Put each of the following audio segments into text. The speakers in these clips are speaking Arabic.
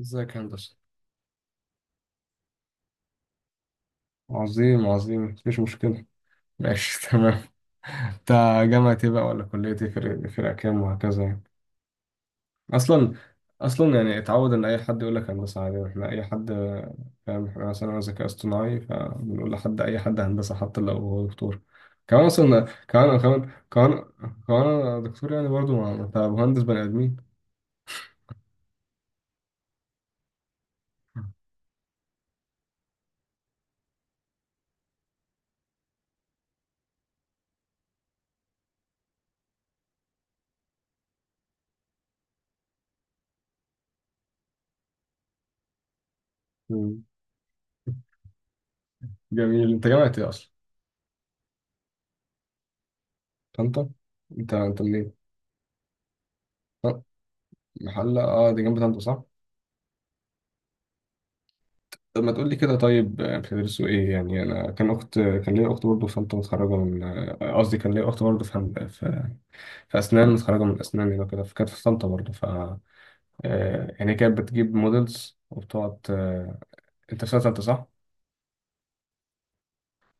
ازيك يا هندسة. عظيم، عظيم، مفيش مشكلة. ماشي تمام. انت جامعة ايه بقى، ولا كلية ايه، فرق كام، وهكذا يعني. اصلا، اصلا يعني اتعود ان اي حد يقول لك هندسة عادي، احنا اي حد، فاهم، احنا مثلا انا ذكاء اصطناعي فبنقول لحد اي حد هندسة حتى لو هو دكتور كمان. اصلا، كمان انا دكتور يعني برضو، ما انت مهندس بني ادمين. مم. جميل، انت جامعة ايه اصلا؟ طنطا. انت منين؟ طب، محلة، اه دي جنب طنطا صح؟ طب ما تقول لي كده، طيب. بتدرسوا ايه يعني. انا كان اخت، كان ليا اخت برضه في طنطا، متخرجه من قصدي كان ليا اخت برضه في في اسنان، متخرجه من اسنان هنا كده، فكانت في طنطا برضه. ف يعني هي كانت بتجيب موديلز وبتقعد، انت في سنه ثالثه صح؟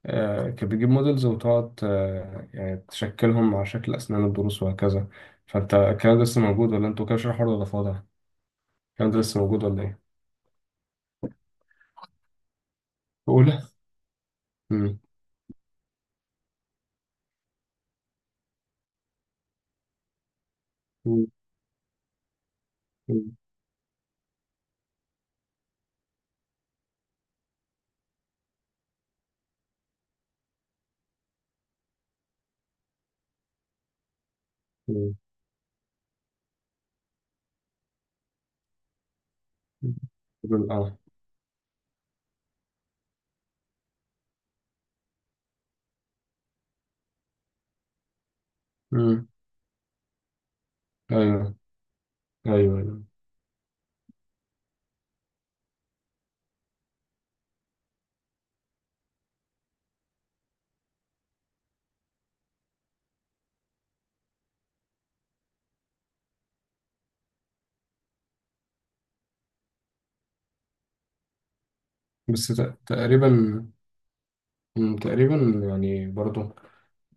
كانت بتجيب موديلز وتقعد يعني تشكلهم على شكل اسنان الضروس وهكذا. فانت الكلام ده لسه موجود، ولا انتوا كده شرح حر، ولا فاضي؟ الكلام ده لسه موجود ولا ايه؟ اولى؟ امم. امم. امم. اه. امم. ايوه. ايوه، ايوه. تقريبا. تقريبا، يعني برضو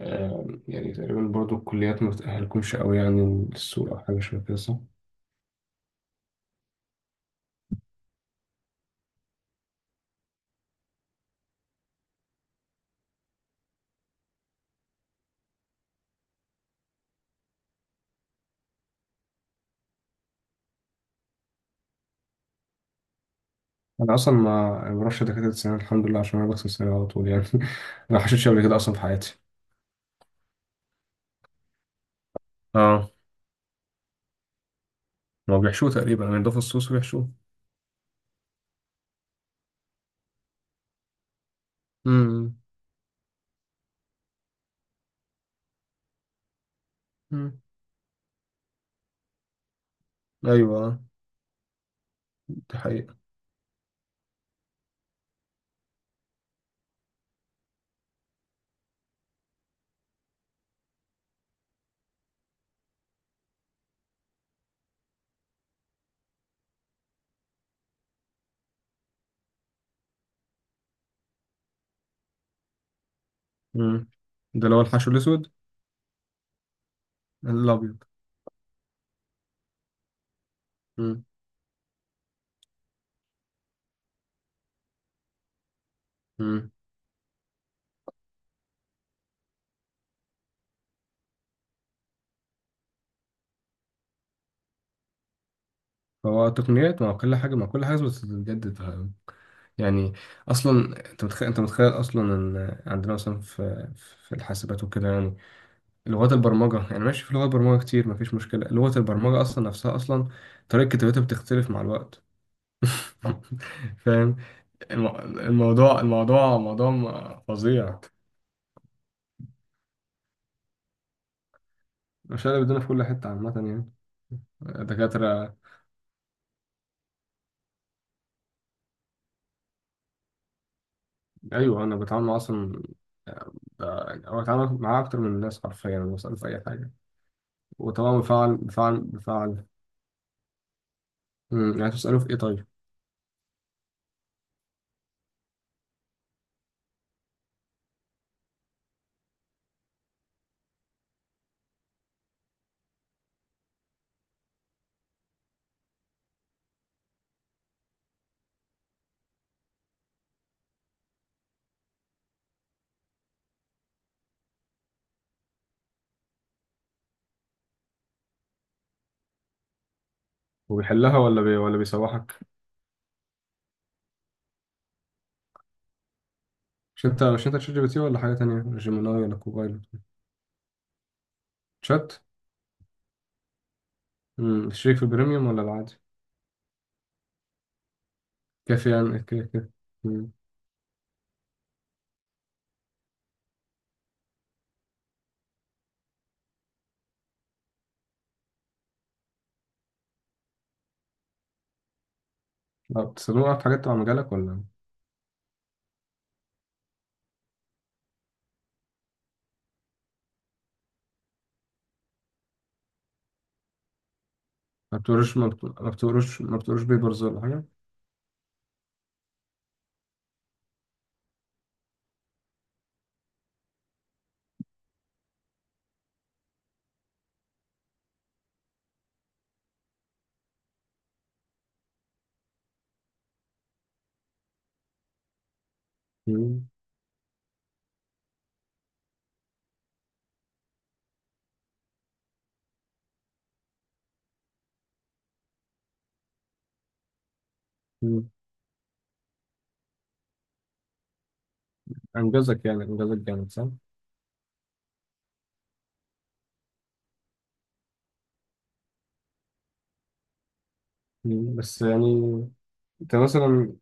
يعني تقريبا برضو الكليات ما بتأهلكمش قوي يعني للسوق، او حاجه شبه كده صح؟ انا اصلا، ما بروحش دكاتره السنان الحمد لله، عشان انا بغسل سناني على طول يعني ما حشتش قبل كده اصلا في حياتي. اه، ما بيحشوه تقريبا يعني، ده فصوص ويحشوه. امم. أمم. ايوه دي حقيقه. امم. ده اللي هو الحشو الاسود. الابيض. امم. أمم. فهو التقنيات مع كل حاجه، مع كل حاجه بتتجدد يعني. اصلا، انت متخيل، انت متخيل اصلا ان عندنا مثلا في في الحاسبات وكده يعني لغات البرمجه، يعني ماشي، في لغات برمجه كتير مفيش مشكله، لغه البرمجه اصلا نفسها اصلا طريقه كتابتها بتختلف مع الوقت. فاهم. الموضوع، الموضوع موضوع فظيع. مش انا، بدنا في كل حته عامه يعني. دكاتره. ايوه، انا بتعامل مع اصلا، او بتعامل معاه اكتر من الناس حرفيا، انا بساله في اي حاجه. وطبعا بفعل. يعني تساله في ايه طيب. وبيحلها ولا ولا بيسوحك؟ مش انت تشات جي بي تي، ولا حاجة تانية، ولا جيميناي، ولا كوبايلوت؟ شات. امم، الشريك في البريميوم ولا العادي؟ كافي يعني كده كده. امم. لا، بتستخدمه بقى في حاجات تبع مجالك ولا؟ ما بتقروش ما بت- ما بتقروش ما بتقروش بيبرز ولا حاجة؟ امم. امم. انجزك يعني، انجزك جامد صح؟ امم، بس يعني انت مثلا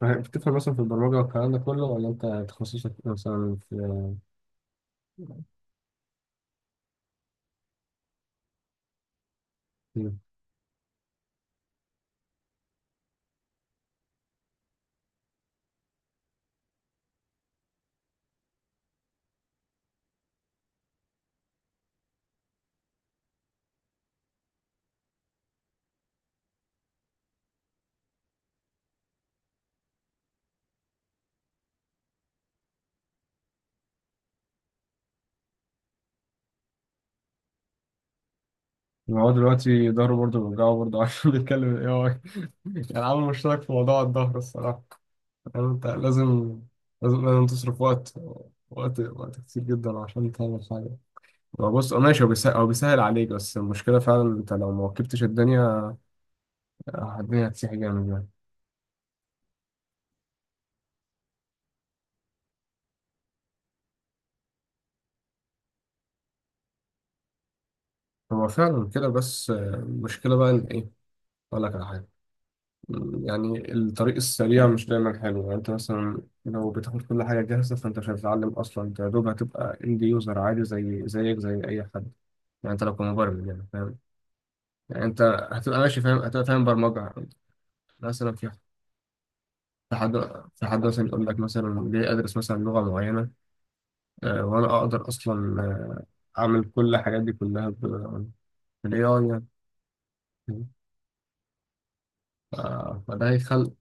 بتفهم مثلا في البرمجة والكلام ده كله، ولا انت تخصصك مثلا في؟ ما هو دلوقتي ظهره برضه بيوجعه برضه عشان بيتكلم الاي اي، يعني عامل مشترك في موضوع الظهر الصراحة. يعني انت لازم، لازم لازم تصرف وقت، وقت وقت كتير جدا عشان تعمل حاجة. هو بص، هو ماشي، هو بيسهل، هو بيسهل عليك، بس المشكلة فعلا، انت لو ما ركبتش الدنيا الدنيا هتسيح جامد يعني. هو فعلا كده، بس المشكلة بقى ان ايه، اقول لك على حاجة. يعني الطريق السريع مش دايما حلو، يعني انت مثلا لو بتاخد كل حاجه جاهزه، فانت مش هتتعلم اصلا، انت يا دوب هتبقى اند يوزر عادي زي زيك زي اي حد، يعني انت لو كمبرمج يعني فاهم. يعني انت هتبقى ماشي فاهم، هتبقى فاهم برمجه مثلا. في حد في حد مثلا يقول لك مثلا ليه ادرس مثلا لغه معينه، وانا اقدر اصلا اعمل كل الحاجات دي كلها بالاي اي يعني. فده هيخلق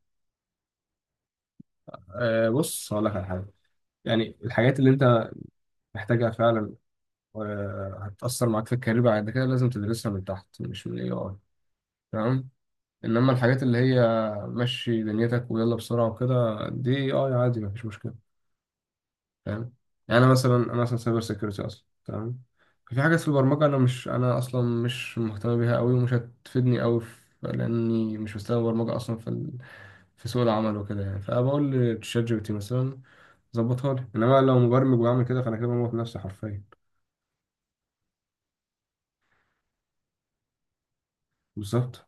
بص، هقول لك على حاجه. يعني الحاجات اللي انت محتاجها فعلا وهتأثر معاك في الكارير بعد كده لازم تدرسها من تحت، مش من الاي اي، تمام. انما الحاجات اللي هي مشي دنيتك ويلا بسرعه وكده، دي اي اي عادي مفيش مشكله، فاهم. يعني انا مثلا سايبر سيكيورتي اصلا، تمام. في حاجات في البرمجه انا اصلا مش مهتم بيها قوي ومش هتفيدني قوي، لاني مش مستوى برمجه اصلا في سوق العمل وكده يعني، فبقول لتشات جي بي تي مثلا ظبطها لي، انما لو مبرمج وبعمل كده فانا كده بموت نفسي حرفيا. بالظبط.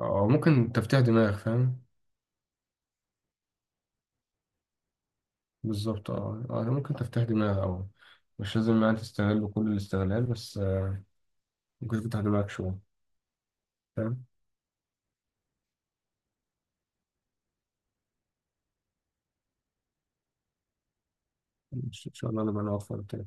أو ممكن تفتيح دماغ، فاهم. بالظبط اه، ممكن تفتح دماغ، أو مش لازم يعني تستغل كل الاستغلال، بس ممكن تفتح دماغك شوية، فاهم. إن شاء الله نبقى نوفر تاني.